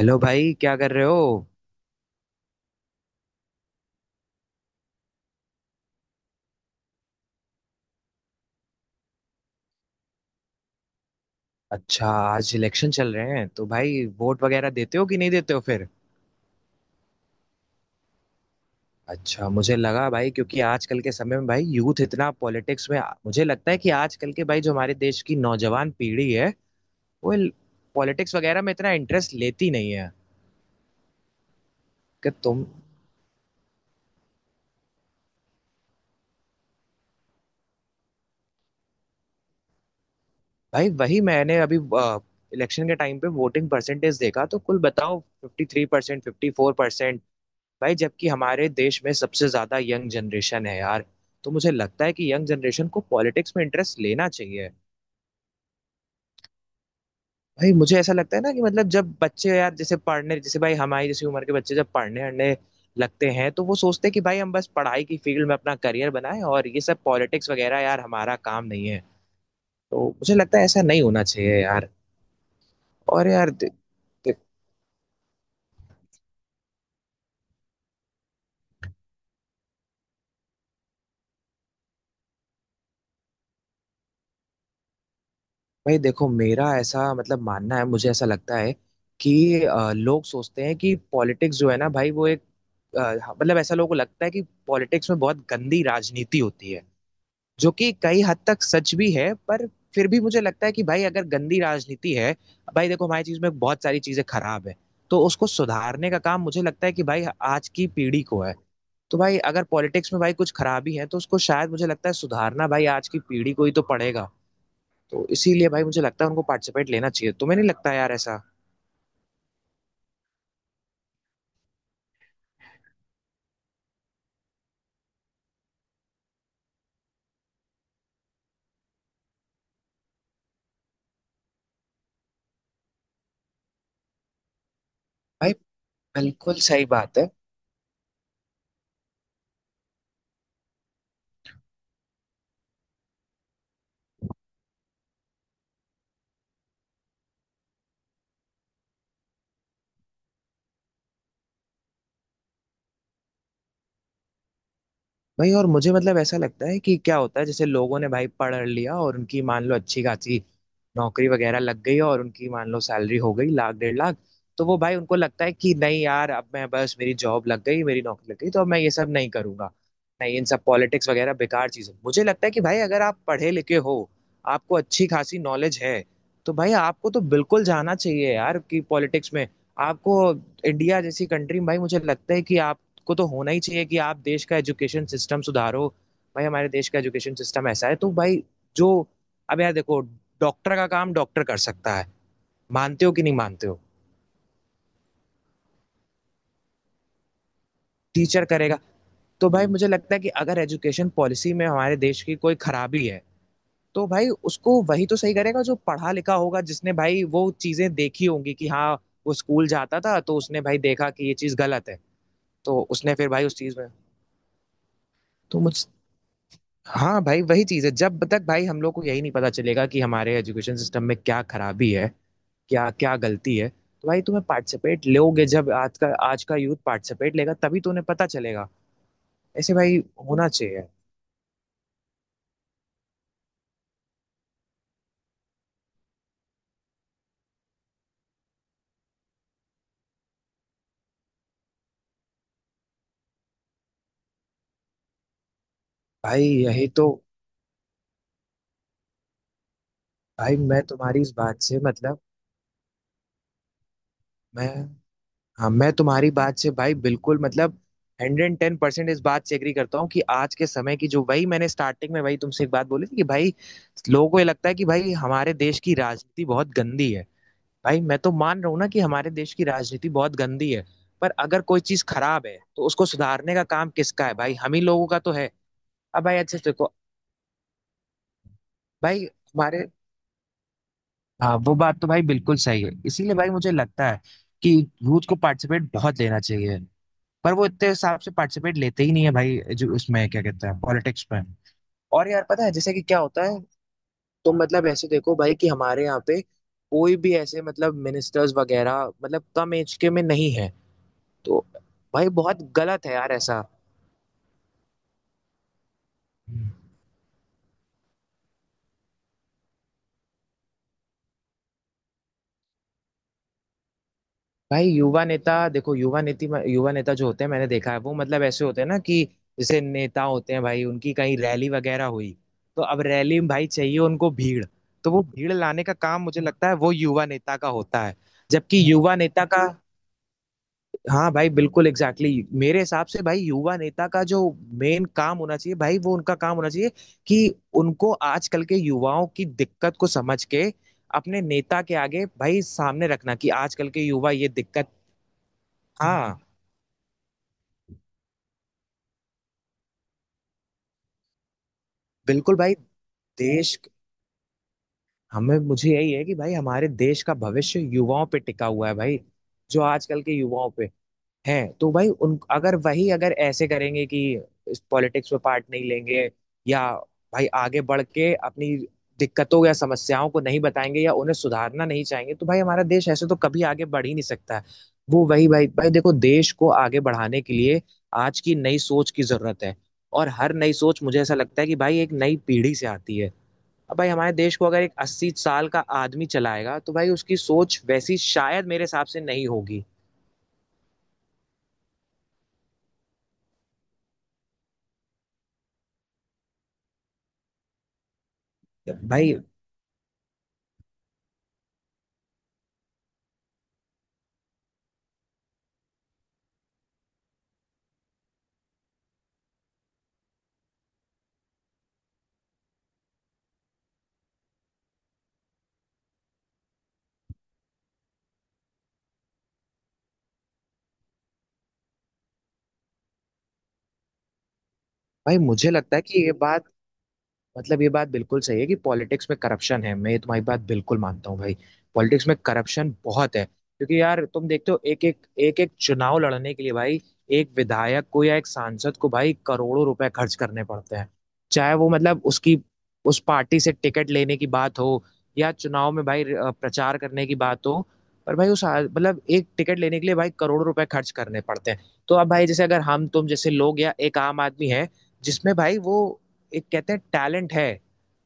Hello भाई, क्या कर रहे हो। अच्छा, आज इलेक्शन चल रहे हैं तो भाई वोट वगैरह देते हो कि नहीं देते हो फिर। अच्छा, मुझे लगा भाई क्योंकि आजकल के समय में भाई यूथ इतना पॉलिटिक्स में, मुझे लगता है कि आजकल के भाई जो हमारे देश की नौजवान पीढ़ी है वो पॉलिटिक्स वगैरह में इतना इंटरेस्ट लेती नहीं है। कि तुम। भाई वही मैंने अभी इलेक्शन के टाइम पे वोटिंग परसेंटेज देखा तो कुल बताओ 53%, 54%, भाई जबकि हमारे देश में सबसे ज्यादा यंग जनरेशन है यार। तो मुझे लगता है कि यंग जनरेशन को पॉलिटिक्स में इंटरेस्ट लेना चाहिए। भाई मुझे ऐसा लगता है ना कि मतलब जब बच्चे यार जैसे पढ़ने, जैसे भाई हमारी जैसी उम्र के बच्चे जब पढ़ने अढ़ने लगते हैं तो वो सोचते हैं कि भाई हम बस पढ़ाई की फील्ड में अपना करियर बनाएं और ये सब पॉलिटिक्स वगैरह यार हमारा काम नहीं है। तो मुझे लगता है ऐसा नहीं होना चाहिए यार। और यार दे, दे, भाई देखो, मेरा ऐसा मतलब मानना है, मुझे ऐसा लगता है कि लोग सोचते हैं कि पॉलिटिक्स जो है ना भाई वो एक आ, मतलब ऐसा लोगों को लगता है कि पॉलिटिक्स में बहुत गंदी राजनीति होती है, जो कि कई हद तक सच भी है, पर फिर भी मुझे लगता है कि भाई अगर गंदी राजनीति है, भाई देखो हमारी चीज में बहुत सारी चीजें खराब है, तो उसको सुधारने का काम मुझे लगता है कि भाई आज की पीढ़ी को है। तो भाई अगर पॉलिटिक्स में भाई कुछ खराबी है तो उसको शायद मुझे लगता है सुधारना भाई आज की पीढ़ी को ही तो पड़ेगा। तो इसीलिए भाई मुझे लगता है उनको पार्टिसिपेट लेना चाहिए। तुम्हें नहीं लगता यार ऐसा। भाई बिल्कुल सही बात है। भाई, और मुझे मतलब ऐसा लगता है कि क्या होता है जैसे लोगों ने भाई पढ़ लिया और उनकी मान लो अच्छी खासी नौकरी वगैरह लग गई और उनकी मान लो सैलरी हो गई लाख 1.5 लाख, तो वो भाई उनको लगता है कि नहीं यार अब मैं बस, मेरी जॉब लग गई, मेरी नौकरी लग गई तो अब मैं ये सब नहीं करूंगा, नहीं इन सब पॉलिटिक्स वगैरह बेकार चीज़ है। मुझे लगता है कि भाई अगर आप पढ़े लिखे हो, आपको अच्छी खासी नॉलेज है, तो भाई आपको तो बिल्कुल जाना चाहिए यार कि पॉलिटिक्स में। आपको इंडिया जैसी कंट्री में भाई मुझे लगता है कि आप को तो होना ही चाहिए कि आप देश का एजुकेशन सिस्टम सुधारो। भाई हमारे देश का एजुकेशन सिस्टम ऐसा है तो भाई जो, अब यार देखो, डॉक्टर का काम डॉक्टर कर सकता है, मानते हो कि नहीं मानते हो। टीचर करेगा। तो भाई मुझे लगता है कि अगर एजुकेशन पॉलिसी में हमारे देश की कोई खराबी है तो भाई उसको वही तो सही करेगा जो पढ़ा लिखा होगा, जिसने भाई वो चीजें देखी होंगी कि हाँ, वो स्कूल जाता था तो उसने भाई देखा कि ये चीज गलत है, तो उसने फिर भाई उस चीज में। तो मुझ, हाँ भाई वही चीज है, जब तक भाई हम लोग को यही नहीं पता चलेगा कि हमारे एजुकेशन सिस्टम में क्या खराबी है, क्या क्या गलती है तो भाई तुम्हें पार्टिसिपेट लोगे, जब आज का यूथ पार्टिसिपेट लेगा तभी तो उन्हें पता चलेगा। ऐसे भाई होना चाहिए। भाई यही तो, भाई मैं तुम्हारी इस बात से मतलब, मैं, हाँ मैं तुम्हारी बात से भाई बिल्कुल मतलब 110% इस बात से एग्री करता हूँ कि आज के समय की, जो वही मैंने स्टार्टिंग में वही तुमसे एक बात बोली थी कि भाई, लोगों को ये लगता है कि भाई हमारे देश की राजनीति बहुत गंदी है। भाई मैं तो मान रहा हूँ ना कि हमारे देश की राजनीति बहुत गंदी है, पर अगर कोई चीज खराब है तो उसको सुधारने का काम किसका है, भाई हम ही लोगों का तो है। अब भाई अच्छे से देखो, भाई हमारे, हाँ वो बात तो भाई बिल्कुल सही है, इसीलिए भाई मुझे लगता है कि यूथ को पार्टिसिपेट बहुत लेना चाहिए, पर वो इतने हिसाब से पार्टिसिपेट लेते ही नहीं है भाई, जो उसमें क्या कहते हैं पॉलिटिक्स में। और यार पता है जैसे कि क्या होता है, तो मतलब ऐसे देखो भाई कि हमारे यहाँ पे कोई भी ऐसे मतलब मिनिस्टर्स वगैरह मतलब कम एज के में नहीं है, तो भाई बहुत गलत है यार ऐसा। भाई युवा नेता, देखो युवा नेता जो होते हैं मैंने देखा है, वो मतलब ऐसे होते हैं ना कि जैसे नेता होते हैं भाई उनकी कहीं रैली वगैरह हुई, तो अब रैली में भाई चाहिए उनको भीड़, तो वो भीड़ लाने का काम मुझे लगता है वो युवा नेता का होता है, जबकि युवा नेता का, हाँ भाई बिल्कुल एग्जैक्टली exactly. मेरे हिसाब से भाई युवा नेता का जो मेन काम होना चाहिए, भाई वो उनका काम होना चाहिए कि उनको आजकल के युवाओं की दिक्कत को समझ के अपने नेता के आगे भाई सामने रखना कि आजकल के युवा ये दिक्कत। हाँ बिल्कुल भाई, देश, हमें, मुझे यही है कि भाई हमारे देश का भविष्य युवाओं पे टिका हुआ है भाई, जो आजकल के युवाओं पे हैं, तो भाई उन अगर वही अगर ऐसे करेंगे कि इस पॉलिटिक्स में पार्ट नहीं लेंगे या भाई आगे बढ़ के अपनी दिक्कतों या समस्याओं को नहीं बताएंगे या उन्हें सुधारना नहीं चाहेंगे, तो भाई हमारा देश ऐसे तो कभी आगे बढ़ ही नहीं सकता है। वो वही भाई भाई देखो, देश को आगे बढ़ाने के लिए आज की नई सोच की जरूरत है और हर नई सोच मुझे ऐसा लगता है कि भाई एक नई पीढ़ी से आती है। अब भाई हमारे देश को अगर एक 80 साल का आदमी चलाएगा तो भाई उसकी सोच वैसी शायद मेरे हिसाब से नहीं होगी। भाई भाई मुझे लगता है कि ये बात, मतलब ये बात बिल्कुल सही है कि पॉलिटिक्स में करप्शन है, मैं ये तुम्हारी बात बिल्कुल मानता हूँ भाई। पॉलिटिक्स में करप्शन बहुत है, क्योंकि यार तुम देखते हो एक एक एक एक चुनाव लड़ने के लिए भाई एक विधायक को या एक सांसद को भाई करोड़ों रुपए खर्च करने पड़ते हैं, चाहे वो मतलब उसकी उस पार्टी से टिकट लेने की बात हो या चुनाव में भाई प्रचार करने की बात हो। पर भाई उस मतलब एक टिकट लेने के लिए भाई करोड़ों रुपए खर्च करने पड़ते हैं। तो अब भाई जैसे अगर हम तुम जैसे लोग या एक आम आदमी है जिसमें भाई वो एक कहते हैं टैलेंट है,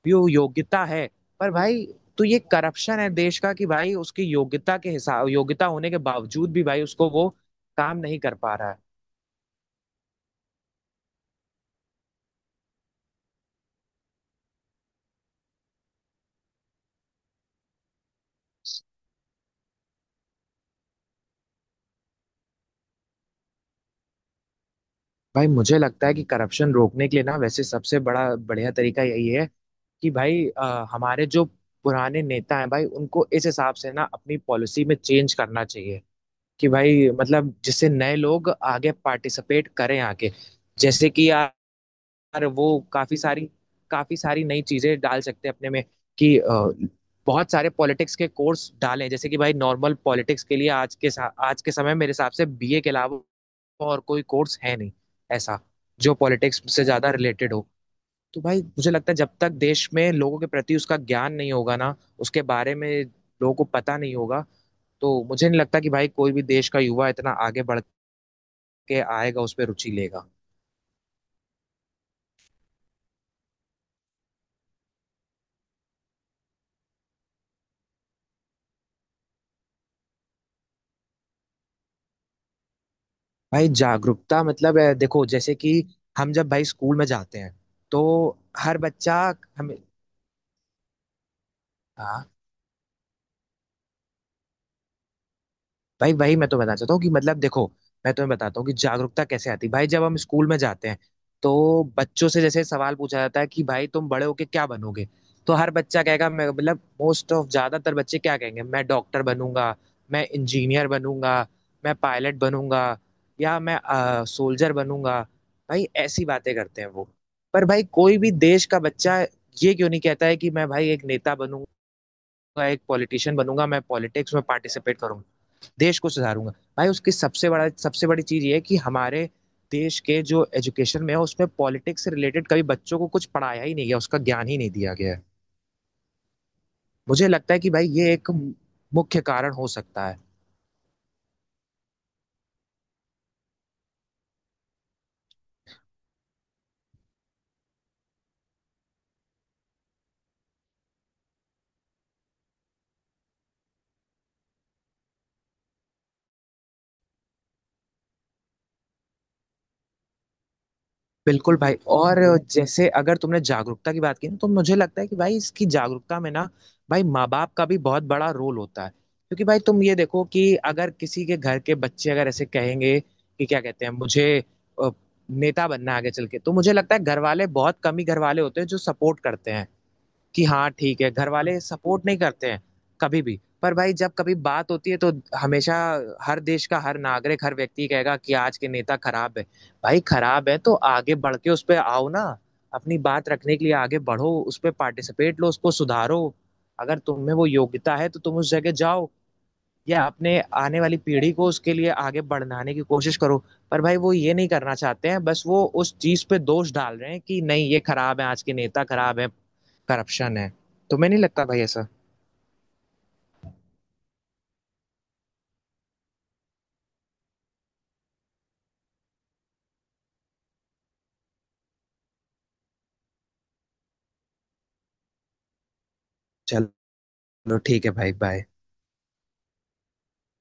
यो योग्यता है, पर भाई, तो ये करप्शन है देश का कि भाई उसकी योग्यता के हिसाब, योग्यता होने के बावजूद भी भाई उसको वो काम नहीं कर पा रहा है। भाई मुझे लगता है कि करप्शन रोकने के लिए ना, वैसे सबसे बड़ा बढ़िया तरीका यही है कि भाई हमारे जो पुराने नेता हैं भाई उनको इस हिसाब से ना अपनी पॉलिसी में चेंज करना चाहिए कि भाई मतलब जिससे नए लोग आगे पार्टिसिपेट करें, आगे जैसे कि यार वो काफी सारी काफी सारी नई चीजें डाल सकते हैं अपने में कि बहुत सारे पॉलिटिक्स के कोर्स डालें, जैसे कि भाई नॉर्मल पॉलिटिक्स के लिए आज के समय मेरे हिसाब से बीए के अलावा और कोई कोर्स है नहीं ऐसा जो पॉलिटिक्स से ज्यादा रिलेटेड हो। तो भाई मुझे लगता है जब तक देश में लोगों के प्रति उसका ज्ञान नहीं होगा ना, उसके बारे में लोगों को पता नहीं होगा, तो मुझे नहीं लगता कि भाई कोई भी देश का युवा इतना आगे बढ़ के आएगा, उस पर रुचि लेगा। भाई जागरूकता मतलब देखो जैसे कि हम जब भाई स्कूल में जाते हैं तो हर बच्चा, हमें, हाँ भाई वही मैं तो बताना चाहता हूँ कि मतलब देखो, मैं तुम्हें बताता हूँ कि जागरूकता कैसे आती है। भाई जब हम स्कूल में जाते हैं तो बच्चों से जैसे सवाल पूछा जाता है कि भाई तुम बड़े होके क्या बनोगे, तो हर बच्चा कहेगा मैं, मतलब मोस्ट ऑफ ज्यादातर बच्चे क्या कहेंगे, मैं डॉक्टर बनूंगा, मैं इंजीनियर बनूंगा, मैं पायलट बनूंगा या मैं सोल्जर बनूंगा, भाई ऐसी बातें करते हैं वो। पर भाई कोई भी देश का बच्चा ये क्यों नहीं कहता है कि मैं भाई एक नेता बनूंगा, एक पॉलिटिशियन बनूंगा, मैं पॉलिटिक्स में पार्टिसिपेट करूंगा, देश को सुधारूंगा। भाई उसकी सबसे बड़ा सबसे बड़ी चीज ये है कि हमारे देश के जो एजुकेशन में है उसमें पॉलिटिक्स से रिलेटेड कभी बच्चों को कुछ पढ़ाया ही नहीं गया, उसका ज्ञान ही नहीं दिया गया है। मुझे लगता है कि भाई ये एक मुख्य कारण हो सकता है। बिल्कुल भाई, और जैसे अगर तुमने जागरूकता की बात की ना, तो मुझे लगता है कि भाई इसकी जागरूकता में ना, भाई माँ बाप का भी बहुत बड़ा रोल होता है, क्योंकि भाई तुम ये देखो कि अगर किसी के घर के बच्चे अगर ऐसे कहेंगे कि क्या कहते हैं, मुझे अ, नेता बनना है आगे चल के, तो मुझे लगता है घर वाले, बहुत कम ही घर वाले होते हैं जो सपोर्ट करते हैं कि हाँ ठीक है, घर वाले सपोर्ट नहीं करते हैं कभी भी। पर भाई जब कभी बात होती है तो हमेशा हर देश का हर नागरिक हर व्यक्ति कहेगा कि आज के नेता खराब है। भाई खराब है तो आगे बढ़ के उस पर आओ ना, अपनी बात रखने के लिए आगे बढ़ो, उस पर पार्टिसिपेट लो, उसको सुधारो, अगर तुम में वो योग्यता है तो तुम उस जगह जाओ या अपने आने वाली पीढ़ी को उसके लिए आगे बढ़ाने की कोशिश करो। पर भाई वो ये नहीं करना चाहते हैं, बस वो उस चीज पे दोष डाल रहे हैं कि नहीं ये खराब है, आज के नेता खराब है, करप्शन है। तुम्हें नहीं लगता भाई ऐसा। चलो, ठीक है भाई, बाय।